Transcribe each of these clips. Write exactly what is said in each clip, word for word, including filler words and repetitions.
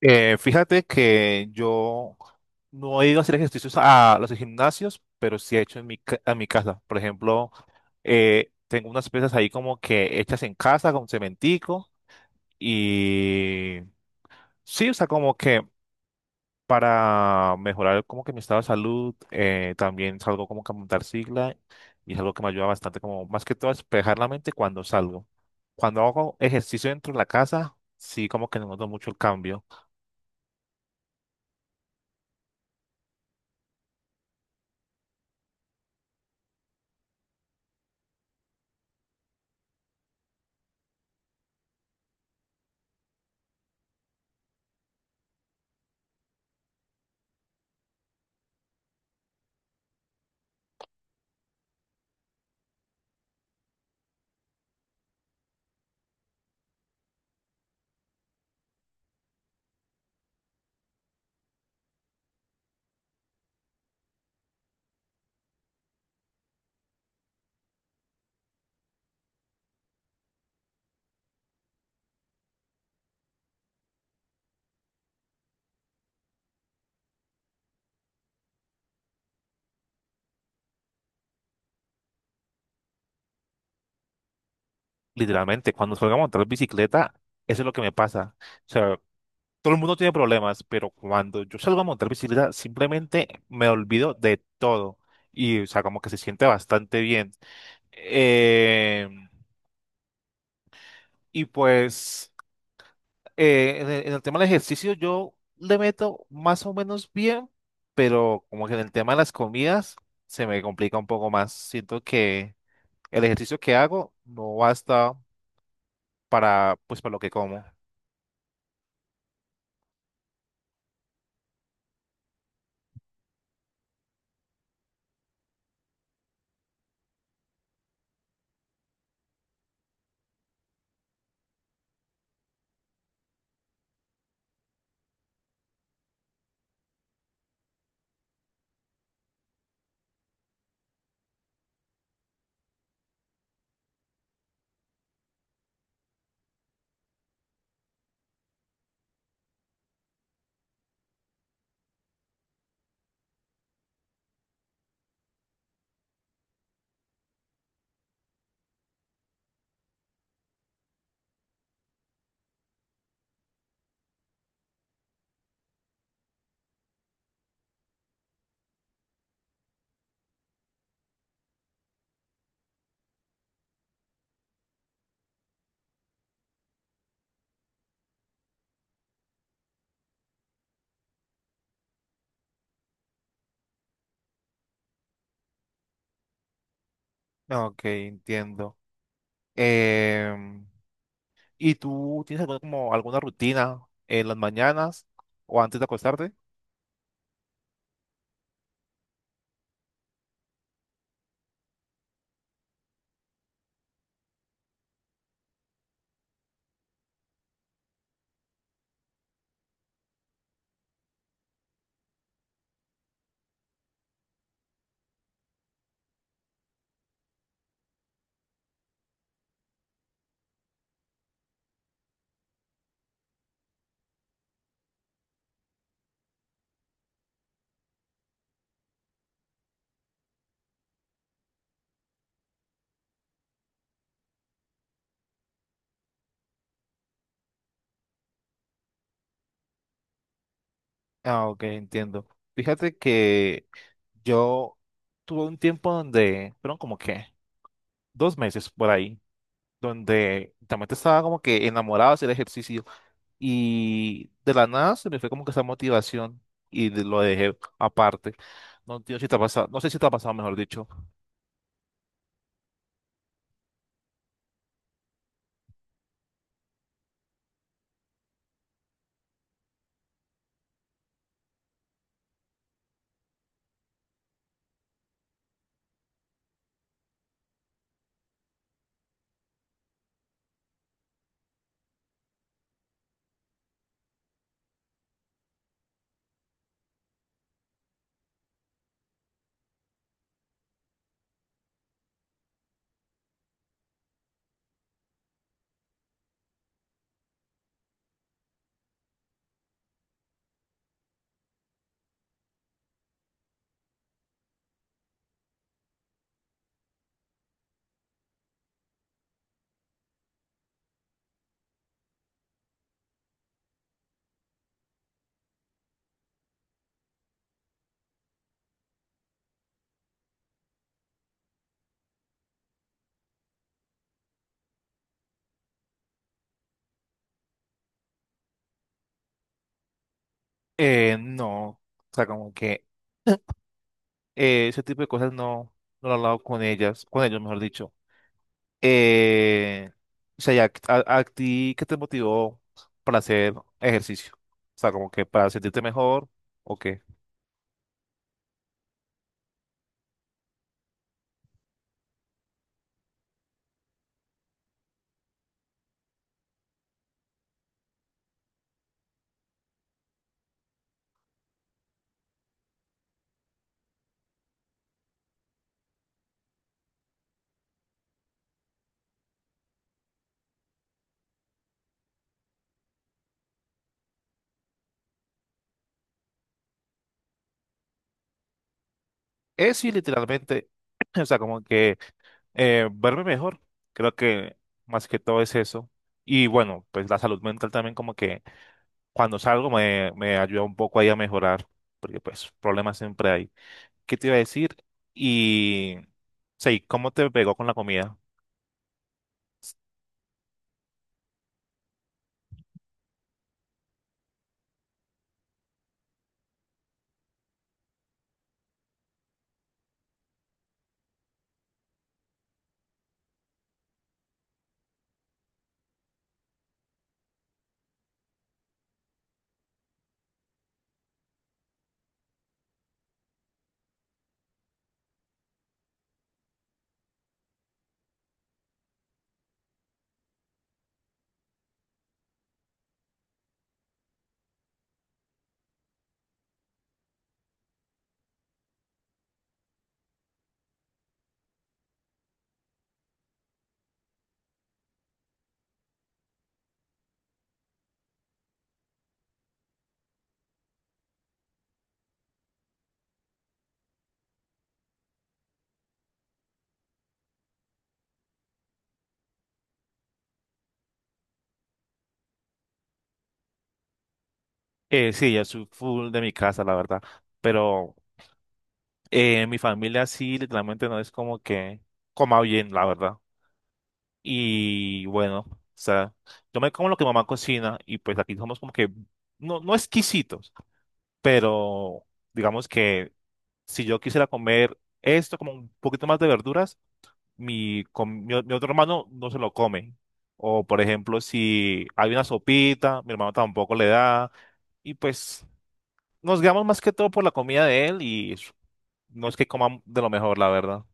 Eh, fíjate que yo no he ido a hacer ejercicios a los gimnasios, pero sí he hecho en mi, ca- a mi casa. Por ejemplo, eh, tengo unas pesas ahí como que hechas en casa con cementico y sí, o sea, como que para mejorar como que mi estado de salud, eh, también salgo como que a montar sigla y es algo que me ayuda bastante, como más que todo a despejar la mente cuando salgo. Cuando hago ejercicio dentro de la casa, sí como que noto mucho el cambio. Literalmente, cuando salgo a montar bicicleta, eso es lo que me pasa. O sea, todo el mundo tiene problemas, pero cuando yo salgo a montar bicicleta, simplemente me olvido de todo. Y, o sea, como que se siente bastante bien. Eh, y pues, eh, en el, en el tema del ejercicio, yo le meto más o menos bien, pero como que en el tema de las comidas, se me complica un poco más. Siento que el ejercicio que hago no basta para, pues, para lo que como. Ok, entiendo. Em, ¿Y tú tienes alguna, como alguna rutina en las mañanas o antes de acostarte? Ah, ok, entiendo. Fíjate que yo tuve un tiempo donde, fueron como que dos meses por ahí, donde también estaba como que enamorado de hacer ejercicio y de la nada se me fue como que esa motivación y de- lo dejé aparte. No, tío, si te ha pasado, no sé si te ha pasado, mejor dicho. Eh, no, o sea, como que eh, ese tipo de cosas no, no lo he hablado con ellas, con ellos, mejor dicho. Eh, o sea, ya, a, a ti, ¿qué te motivó para hacer ejercicio? O sea, como que para sentirte mejor o qué. Es sí, literalmente, o sea, como que eh, verme mejor, creo que más que todo es eso. Y bueno, pues la salud mental también como que cuando salgo me, me ayuda un poco ahí a mejorar, porque pues problemas siempre hay. ¿Qué te iba a decir? Y... Sí, ¿cómo te pegó con la comida? Eh, sí, yo soy full de mi casa, la verdad. Pero eh, mi familia sí, literalmente no es como que coma bien, la verdad. Y bueno, o sea, yo me como lo que mamá cocina y pues aquí somos como que, no, no exquisitos, pero digamos que si yo quisiera comer esto, como un poquito más de verduras, mi, com- mi, o- mi otro hermano no se lo come. O por ejemplo, si hay una sopita, mi hermano tampoco le da. Y pues nos guiamos más que todo por la comida de él y s- no es que coman de lo mejor, la verdad.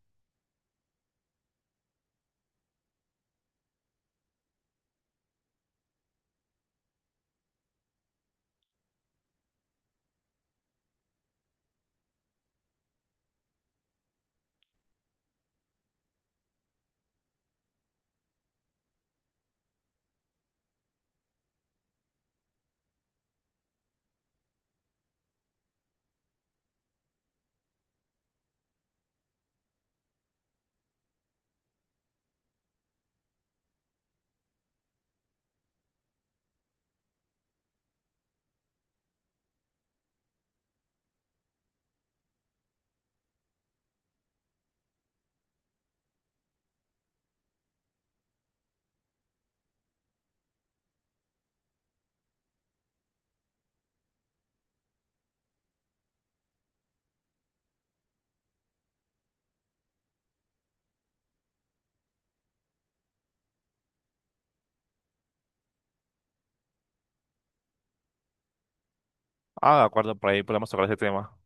Ah, de acuerdo, por ahí podemos tocar ese tema.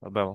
Nos vemos.